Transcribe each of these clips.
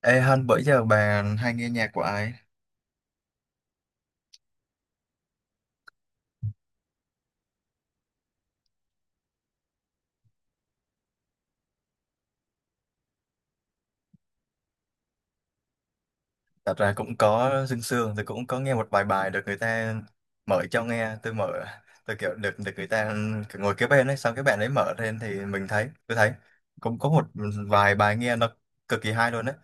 Ê Hân, bữa giờ bà hay nghe nhạc của ai? Thật ra cũng có sương sương, tôi cũng có nghe một vài bài được người ta mở cho nghe, tôi mở, tôi kiểu được được người ta ngồi kế bên ấy, xong cái bạn ấy mở lên thì mình thấy, tôi thấy cũng có một vài bài nghe nó cực kỳ hay luôn đấy.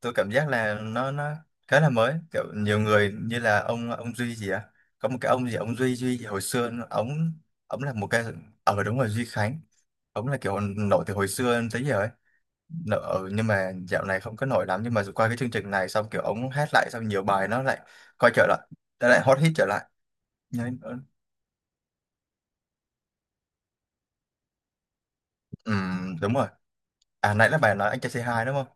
Tôi cảm giác là nó khá là mới, kiểu nhiều người như là ông Duy gì á, có một cái ông gì ông Duy Duy gì hồi xưa ông là một cái ở đúng rồi Duy Khánh, ông là kiểu nổi từ hồi xưa tới giờ ấy. Nợ, ừ, nhưng mà dạo này không có nổi lắm nhưng mà qua cái chương trình này xong kiểu ống hát lại xong nhiều bài nó lại coi trở lại, nó lại hot hit trở lại. Nên, ừ, đúng rồi, à nãy là bài nói anh trai c hai đúng không?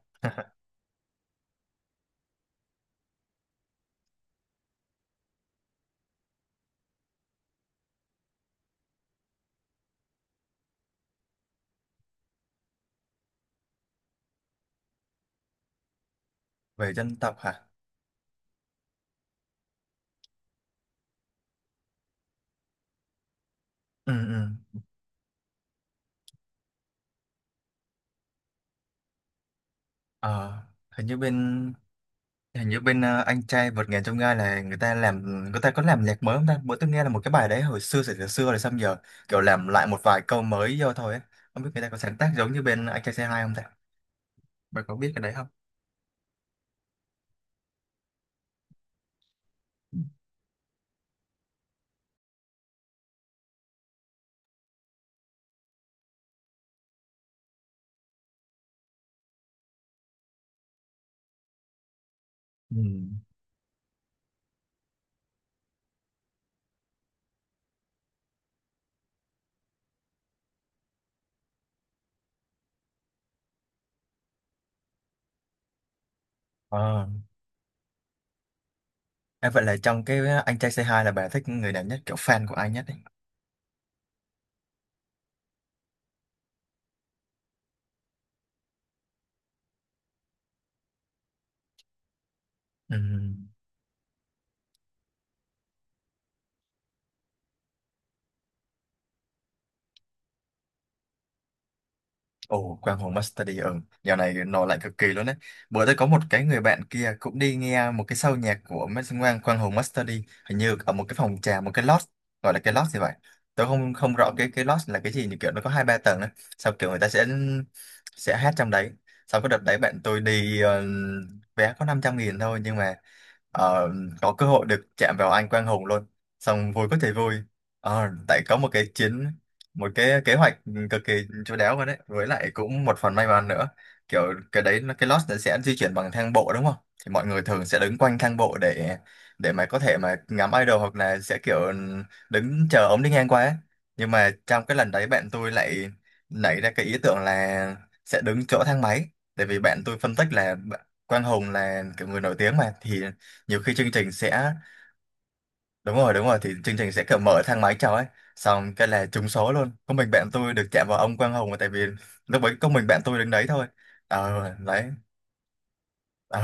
Về dân tộc hả? Ừ, ừ. Ờ, hình như bên hình như bên anh trai vượt ngàn chông gai là người ta làm, người ta có làm nhạc mới không ta, bữa tôi nghe là một cái bài đấy hồi xưa xưa xưa xưa rồi xong giờ kiểu làm lại một vài câu mới vô thôi ấy. Không biết người ta có sáng tác giống như bên anh trai c hai không ta, bạn có biết cái đấy không? Ừ. Ờ. À, vậy là trong cái à, anh trai Say Hi là bà thích người nào nhất, kiểu fan của ai nhất ấy? Ừ. Ồ, Quang Hùng Master đi, ừ. Dạo này nổi lại cực kỳ luôn đấy. Bữa tôi có một cái người bạn kia cũng đi nghe một cái show nhạc của Mason Quang, Quang Hùng Master. Hình như ở một cái phòng trà, một cái lodge, gọi là cái lodge gì vậy. Tôi không không rõ cái lodge là cái gì, như kiểu nó có hai ba tầng đấy. Sau kiểu người ta sẽ hát trong đấy. Sau cái đợt đấy bạn tôi đi vé có 500.000 thôi nhưng mà ờ, có cơ hội được chạm vào anh Quang Hùng luôn. Xong vui có thể vui. Ờ, tại có một cái chuyến một cái kế hoạch cực kỳ chu đáo luôn đấy với lại cũng một phần may mắn nữa, kiểu cái đấy nó- cái lost nó sẽ di chuyển bằng thang bộ đúng không, thì mọi người thường sẽ đứng quanh thang bộ để mà có thể mà ngắm idol hoặc là sẽ kiểu đứng chờ ống đi ngang qua ấy. Nhưng mà trong cái lần đấy bạn tôi lại nảy ra cái ý tưởng là sẽ đứng chỗ thang máy, tại vì bạn tôi phân tích là bạn- Quang Hùng là kiểu người nổi tiếng mà thì nhiều khi chương trình sẽ đúng rồi thì chương trình sẽ kiểu mở thang máy chào ấy, xong cái là trúng số luôn, có mình bạn tôi được chạm vào ông Quang Hùng mà tại vì lúc ấy có mình bạn tôi đứng đấy thôi. Ờ đấy, ờ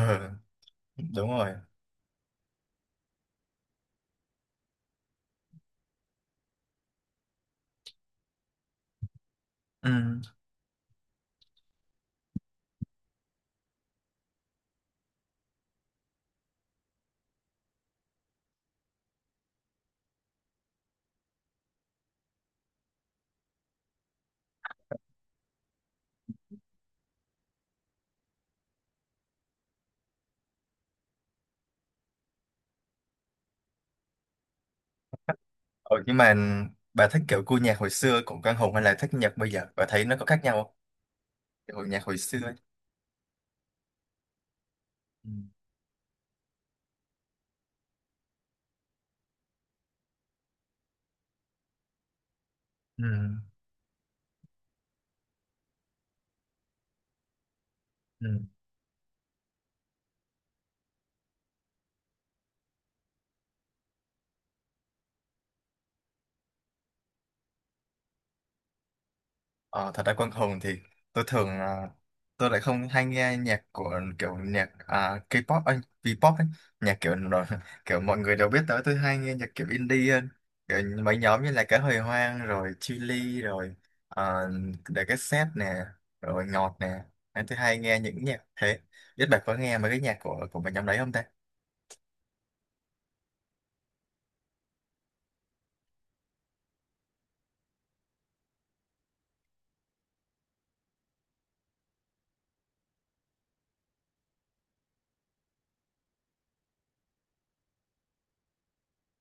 đúng rồi. Ừ. Ờ, nhưng mà bà thích kiểu gu nhạc hồi xưa của Quang Hùng hay là thích nhạc bây giờ, bà thấy nó có khác nhau không? Kiểu nhạc hồi xưa ấy. Ừ. Ừ. Ừ. Ờ, thật ra Quang Hùng thì tôi thường tôi lại không hay nghe nhạc của kiểu nhạc à, K-pop anh V-pop ấy, nhạc kiểu rồi kiểu mọi người đều biết tới, tôi hay nghe nhạc kiểu indie hơn, kiểu mấy nhóm như là Cá Hồi Hoang rồi Chillies rồi uh, The Cassette nè rồi Ngọt nè. Đấy, tôi hay nghe những nhạc thế, biết bạn có nghe mấy cái nhạc của mấy nhóm đấy không ta.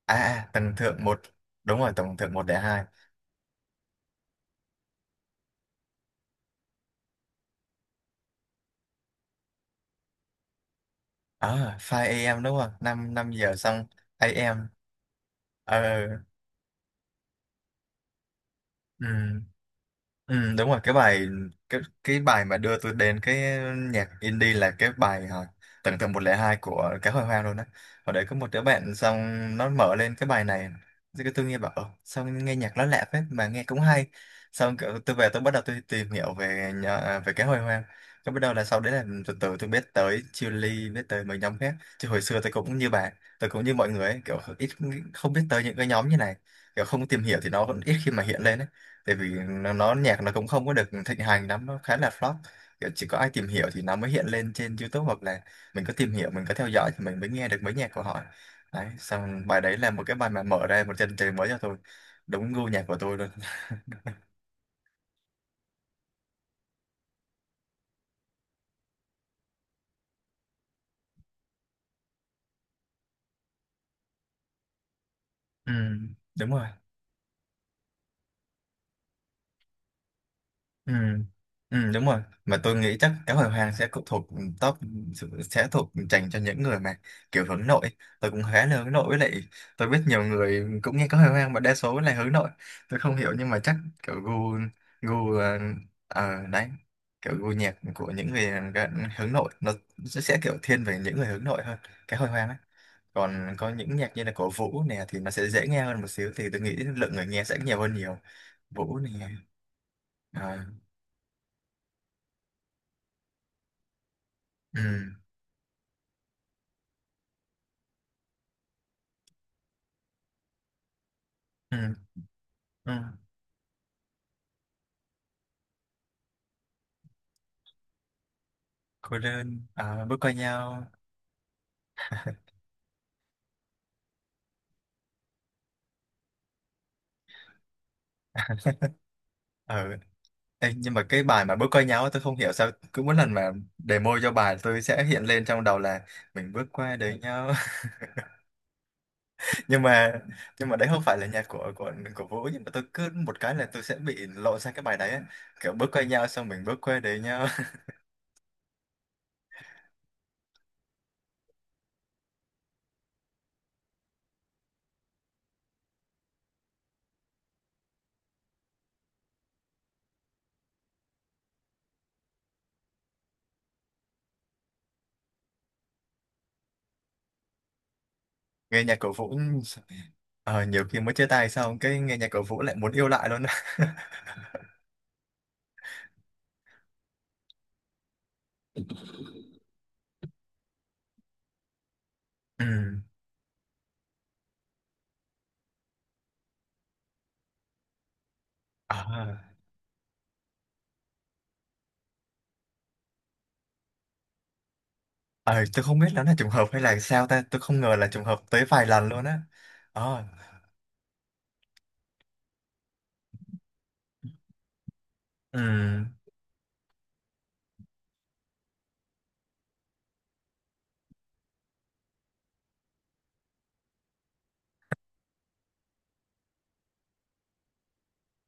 À à, tầng thượng một, đúng rồi tầng thượng 102, à 5 AM đúng không, năm năm giờ xong AM. Ờ. Ừ. Ừ, đúng rồi cái bài, cái bài mà đưa tôi đến cái nhạc indie là cái bài tầng tầng 102 của Cá Hồi Hoang luôn đó. Ở đấy có một đứa bạn xong nó mở lên cái bài này thì cái tôi nghe bảo "Ờ, sao nghe nhạc nó lạ phết mà nghe cũng hay", xong kiểu tôi về tôi bắt đầu tôi tìm hiểu về nhà, về Cá Hồi Hoang, cái bắt đầu là sau đấy là từ từ tôi biết tới Chillies, biết tới mấy nhóm khác chứ hồi xưa tôi cũng như bạn, tôi cũng như mọi người ấy, kiểu ít không biết tới những cái nhóm như này, kiểu không tìm hiểu thì nó vẫn ít khi mà hiện lên ấy, tại vì nó nhạc nó cũng không có được thịnh hành lắm, nó khá là flop, kiểu chỉ có ai tìm hiểu thì nó mới hiện lên trên YouTube hoặc là mình có tìm hiểu mình có theo dõi thì mình mới nghe được mấy nhạc của họ. Đấy, xong bài đấy là một cái bài mà mở ra một chân trời mới cho tôi, đúng gu nhạc của tôi luôn. Ừ, đúng rồi. Ừ. Ừ, đúng rồi mà tôi nghĩ chắc cá hồi hoang sẽ cũng thuộc top, sẽ thuộc dành cho những người mà kiểu hướng nội, tôi cũng khá là hướng nội với lại tôi biết nhiều người cũng nghe cá hồi hoang mà đa số là hướng nội, tôi không hiểu nhưng mà chắc kiểu gu gu ờ, ờ, đấy, kiểu gu nhạc của những người gần- hướng nội nó sẽ kiểu thiên về những người hướng nội hơn, cá hồi hoang ấy. Còn có những nhạc như là của Vũ nè thì nó sẽ dễ nghe hơn một xíu, thì tôi nghĩ lượng người nghe sẽ nhiều hơn nhiều. Vũ nè. Ờ, ừ. Ừ. À, cô đơn, à, bước qua nhau. Ừ. Ê, nhưng mà cái bài mà bước qua nhau á, tôi không hiểu sao cứ mỗi lần mà demo cho bài tôi sẽ hiện lên trong đầu là mình bước qua đời nhau. Nhưng mà đấy không phải là nhạc của Vũ, nhưng mà tôi cứ một cái là tôi sẽ bị lộ ra cái bài đấy á. Kiểu bước qua nhau xong mình bước qua đời nhau. Nghe nhạc của Vũ, ờ, nhiều khi mới chia tay xong cái nghe nhạc của Vũ lại muốn yêu lại luôn á. Ừ. À. Ờ, tôi không biết nó là trùng hợp hay là sao ta, tôi không ngờ là trùng hợp tới vài lần luôn á. Ờ, ừm,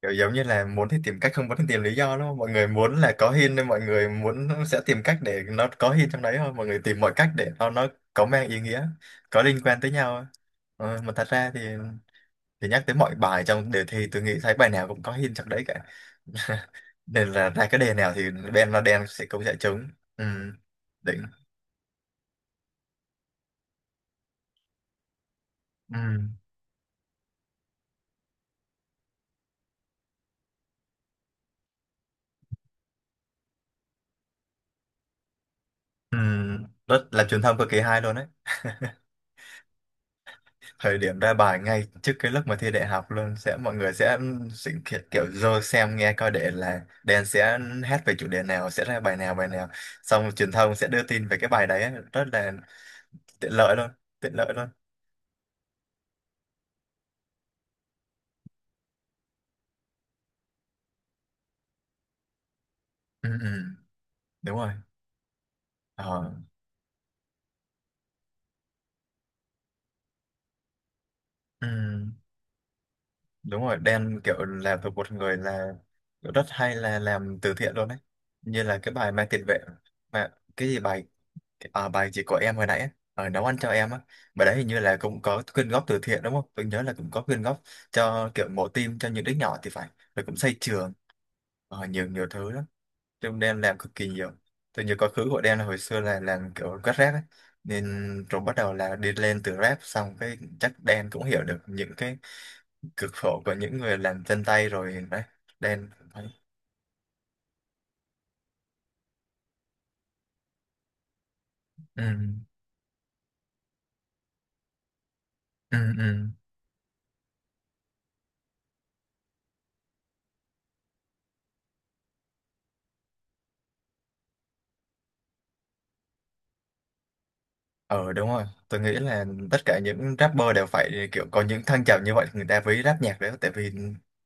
kiểu giống như là muốn thì tìm cách, không muốn thì tìm lý do đúng không? Mọi người muốn là có hint nên mọi người muốn sẽ tìm cách để nó có hint trong đấy thôi. Mọi người tìm mọi cách để nó có mang ý nghĩa, có liên quan tới nhau á. Ờ, mà thật ra thì nhắc tới mọi bài trong đề thi tôi nghĩ thấy bài nào cũng có hint trong đấy cả. Nên là ra cái đề nào thì đen là đen sẽ cũng sẽ trúng. Ừ, đỉnh. Ừ, ừ, rất là truyền thông cực kỳ hay luôn đấy. Thời điểm ra bài ngay trước cái lúc mà thi đại học luôn sẽ mọi người sẽ kiểu, kiểu dơ xem nghe coi để là đen sẽ hát về chủ đề nào sẽ ra bài nào bài nào, xong truyền thông sẽ đưa tin về cái bài đấy rất là tiện lợi luôn, tiện lợi luôn. Ừ, ừ, đúng rồi. Ờ, ừ, đúng rồi, đen kiểu làm thuộc một người là kiểu rất hay là làm từ thiện luôn đấy, như là cái bài mang tiền vệ mà cái gì bài bài chị của em hồi nãy á, ờ, nấu ăn cho em á, bài đấy hình như là cũng có quyên góp từ thiện đúng không, tôi nhớ là cũng có quyên góp cho kiểu mổ tim cho những đứa nhỏ thì phải, rồi cũng xây trường. Ờ, nhiều nhiều thứ lắm, trong đen làm cực kỳ nhiều. Tôi nhớ quá khứ của đen là hồi xưa là làm kiểu quét rác ấy. Nên rồi bắt đầu là đi lên từ rap xong cái chắc đen cũng hiểu được những cái cực khổ của những người làm chân tay rồi đấy, đen. Ừ. Ừ, ừ. Ờ đúng rồi, tôi nghĩ là tất cả những rapper đều phải kiểu có những thăng trầm như vậy thì người ta mới rap nhạc đấy, tại vì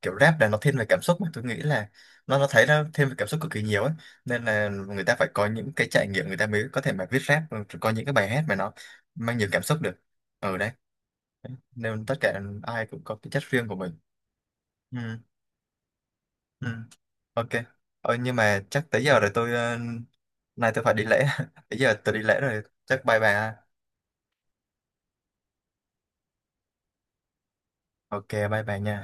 kiểu rap là nó thiên về cảm xúc, mà tôi nghĩ là nó thấy nó thiên về cảm xúc cực kỳ nhiều ấy, nên là người ta phải có những cái trải nghiệm người ta mới có thể mà viết rap có những cái bài hát mà nó mang nhiều cảm xúc được ở đấy. Nên tất cả ai cũng có cái chất riêng của mình. Ừ, ừ, ok. Ờ, nhưng mà chắc tới giờ rồi tôi nay tôi phải đi lễ tới giờ tôi đi lễ rồi chắc bye bye ha. Ok bye bye nha.